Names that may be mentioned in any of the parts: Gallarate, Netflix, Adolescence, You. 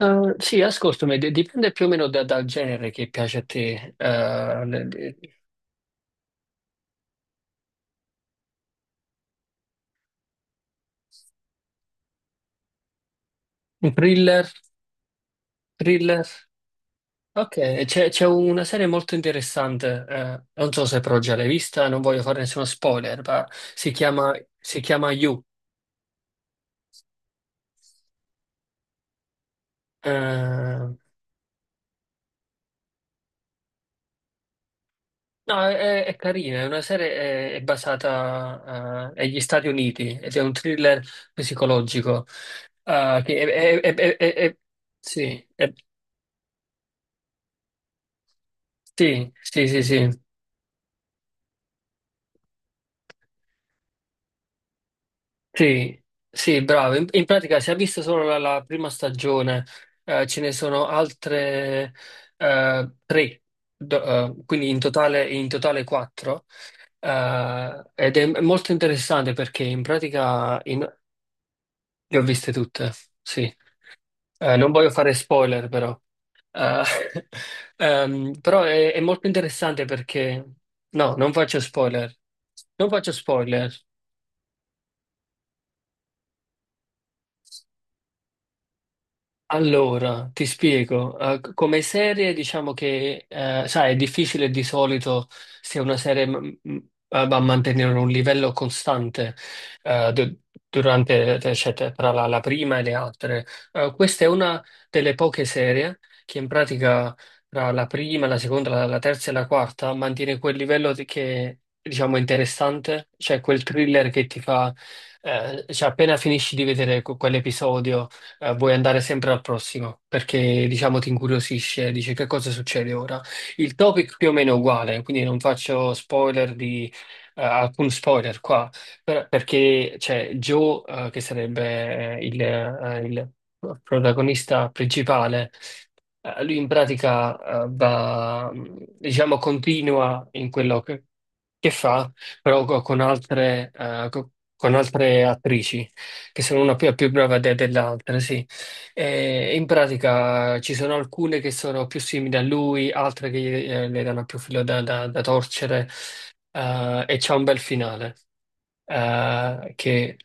Sì, ascoltami, dipende più o meno dal genere che piace a te. Un thriller, thriller. Ok, c'è una serie molto interessante, non so se però già l'hai vista, non voglio fare nessuno spoiler, ma si chiama, si chiama You. No, è carina, è una serie, è basata, agli Stati Uniti ed è un thriller psicologico. Che è- sì, è- Sì, sì, sì, sì. Sì, sì, bravo. In pratica si è vista solo la prima stagione, ce ne sono altre tre, quindi in totale quattro. Ed è molto interessante perché le ho viste tutte, sì. Non voglio fare spoiler però. Eh, Però è molto interessante perché... No, non faccio spoiler. Non faccio spoiler. Allora, ti spiego. Come serie, diciamo che, sai, è difficile di solito se una serie va a mantenere un livello costante eh, du- durante, cioè, tra la prima e le altre. Questa è una delle poche serie che in pratica tra la prima, la seconda, la terza e la quarta mantiene quel che, diciamo, è interessante, cioè quel thriller che ti fa, cioè appena finisci di vedere quell'episodio, vuoi andare sempre al prossimo perché diciamo ti incuriosisce, dici che cosa succede ora. Il topic più o meno è uguale, quindi non faccio spoiler di alcun spoiler qua, perché c'è Joe, che sarebbe il protagonista principale. Lui in pratica va, diciamo, continua in quello che fa, però con altre, con altre attrici, che sono una più, più brava dell'altra, sì. E in pratica ci sono alcune che sono più simili a lui, altre che le danno più filo da torcere, e c'è un bel finale. Che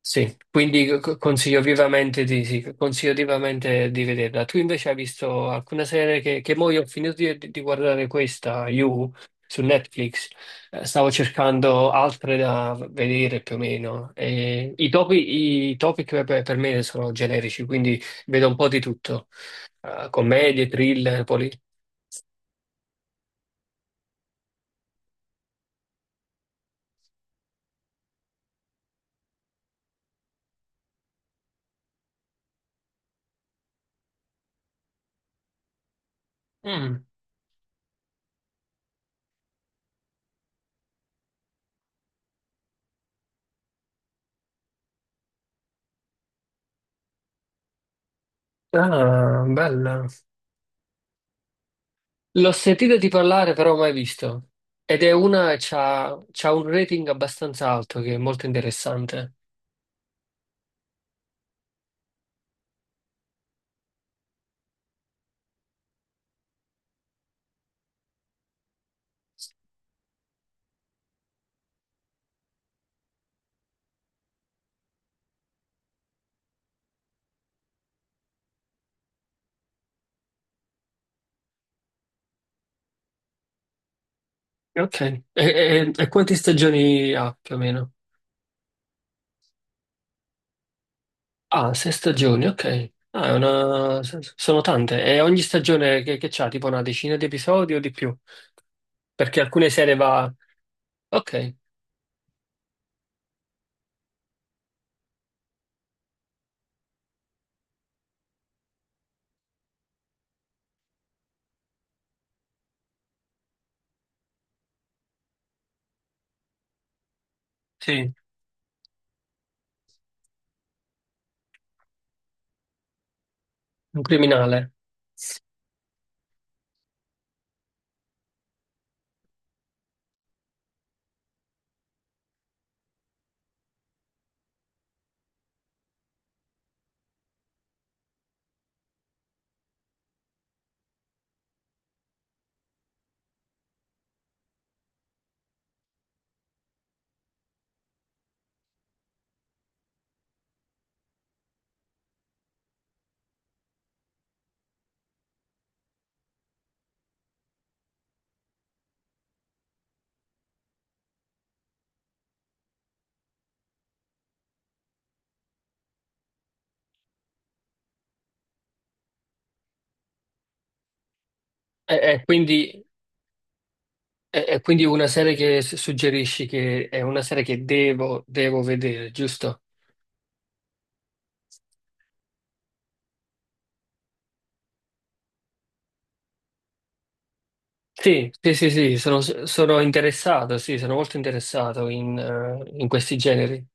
Sì, quindi consiglio vivamente di, sì, consiglio vivamente di vederla. Tu invece hai visto alcune serie che mo io ho finito di guardare questa, You, su Netflix. Stavo cercando altre da vedere più o meno. E i topic per me sono generici, quindi vedo un po' di tutto. Commedie, thriller, poi... Mm. Ah, bella. L'ho sentito di parlare, però mai visto. Ed è c'ha, c'ha un rating abbastanza alto, che è molto interessante. Ok. E quante stagioni ha più o meno? Ah, sei stagioni, ok. Ah, sono tante. E ogni stagione che c'ha, tipo una decina di episodi o di più? Perché alcune serie va... Ok, sì, un criminale. E, e quindi, e quindi una serie che suggerisci che è una serie che devo, devo vedere, giusto? Sì, sì, sì, sì, sono, sono interessato, sì, sono molto interessato in, in questi generi.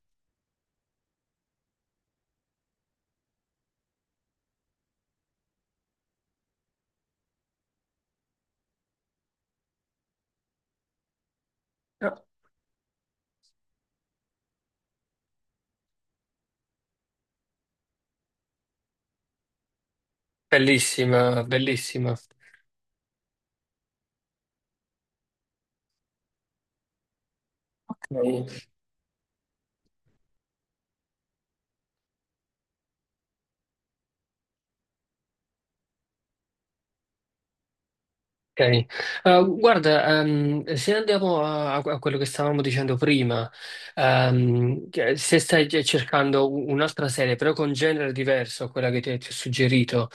Ah, bellissima, bellissima. Ok. Eh, Guarda, se andiamo a, a quello che stavamo dicendo prima, che se stai cioè, cercando un'altra serie, però con genere diverso a quella che ti ho suggerito.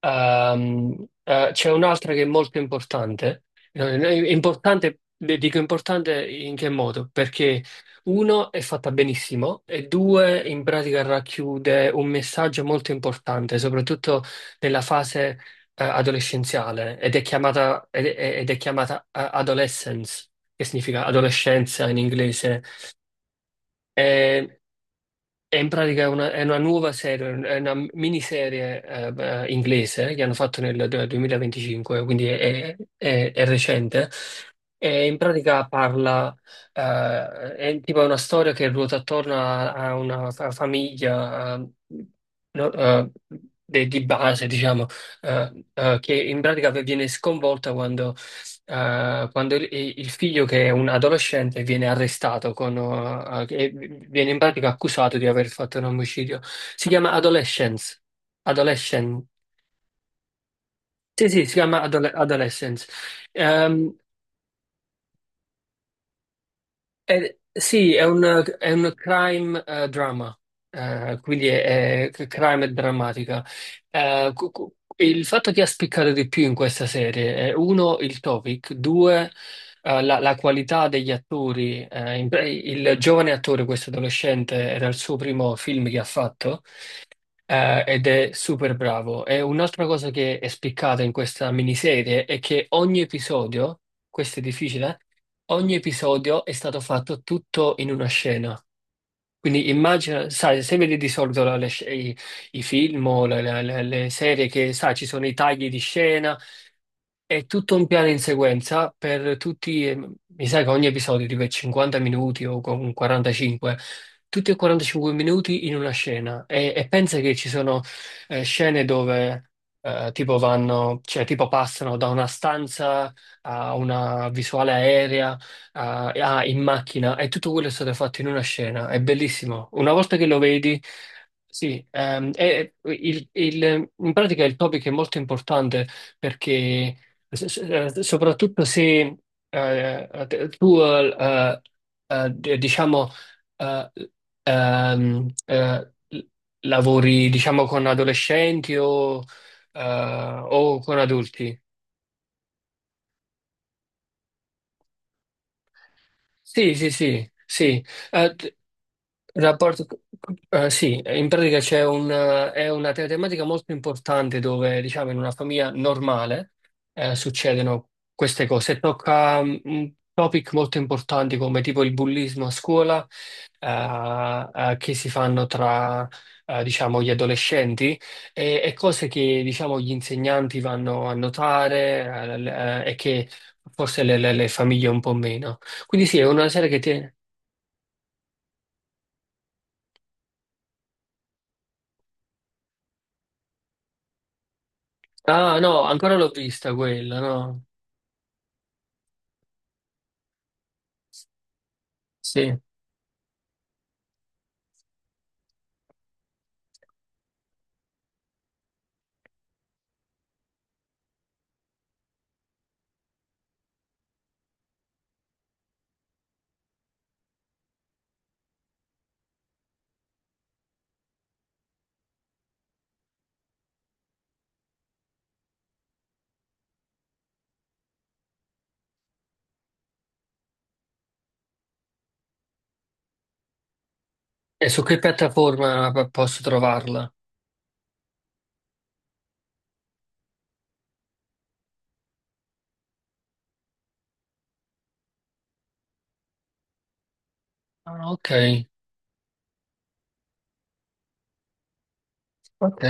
Ehm, C'è un'altra che è molto importante. È importante, beh, dico importante in che modo? Perché uno è fatta benissimo e due in pratica racchiude un messaggio molto importante, soprattutto nella fase adolescenziale ed è chiamata, Adolescence, che significa adolescenza in inglese. È una nuova serie, è una miniserie inglese che hanno fatto nel 2025, quindi è, è recente. E in pratica parla, è tipo una storia che ruota attorno a, a una famiglia, no, de- di base, diciamo, che in pratica viene sconvolta quando, eh, quando il, il figlio che è un adolescente viene arrestato con, eh, e viene in pratica accusato di aver fatto un omicidio. Si chiama Adolescence. Adolescent. Sì, sì, si chiama Adolescence. Ehm, sì, è un è un crime drama. Quindi è crime e drammatica. Il fatto che ha spiccato di più in questa serie è uno, il topic, due, la, la qualità degli attori. Il giovane attore, questo adolescente, era il suo primo film che ha fatto, ed è super bravo. E un'altra cosa che è spiccata in questa miniserie è che ogni episodio, questo è difficile, eh? Ogni episodio è stato fatto tutto in una scena. Quindi immagina, sai, se vedi di solito i film o le serie che, sai, ci sono i tagli di scena, è tutto un piano in sequenza per tutti, mi sa che ogni episodio tipo è 50 minuti o con 45, tutti e 45 minuti in una scena, e pensa che ci sono scene dove tipo vanno, cioè tipo passano da una stanza a una visuale aerea a, in macchina e tutto quello è stato fatto in una scena, è bellissimo. Una volta che lo vedi... Sì, in pratica il topic è molto importante perché soprattutto se tu, diciamo, eh, ehm, eh, l- lavori, diciamo, con adolescenti o con adulti. Sì, sì, sì, sì. Il rapporto, sì, in pratica c'è è una te- tematica molto importante dove, diciamo, in una famiglia normale succedono queste cose. Tocca, mm, un topic molto importanti come tipo il bullismo a scuola, che si fanno tra, diciamo, gli adolescenti e cose che, diciamo, gli insegnanti vanno a notare, e che forse le famiglie un po' meno. Quindi sì, è una serie che ti... Ah, no, ancora l'ho vista quella, no? Sì. E su che piattaforma posso trovarla? Ah, ok, ok.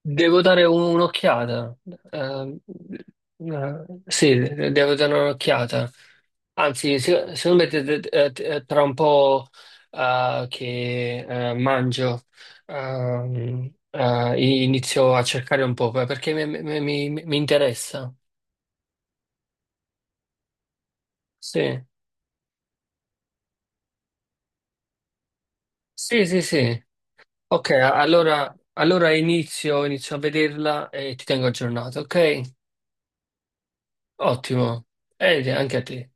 Devo dare un'occhiata. Eh, sì, devo dare un'occhiata. Anzi, secondo me tra un po' che mangio, inizio a cercare un po' perché mi, mi interessa. Sì, sì, sì, sì. Ok, allora, allora inizio, inizio a vederla e ti tengo aggiornato, ok? Ottimo. E anche a te.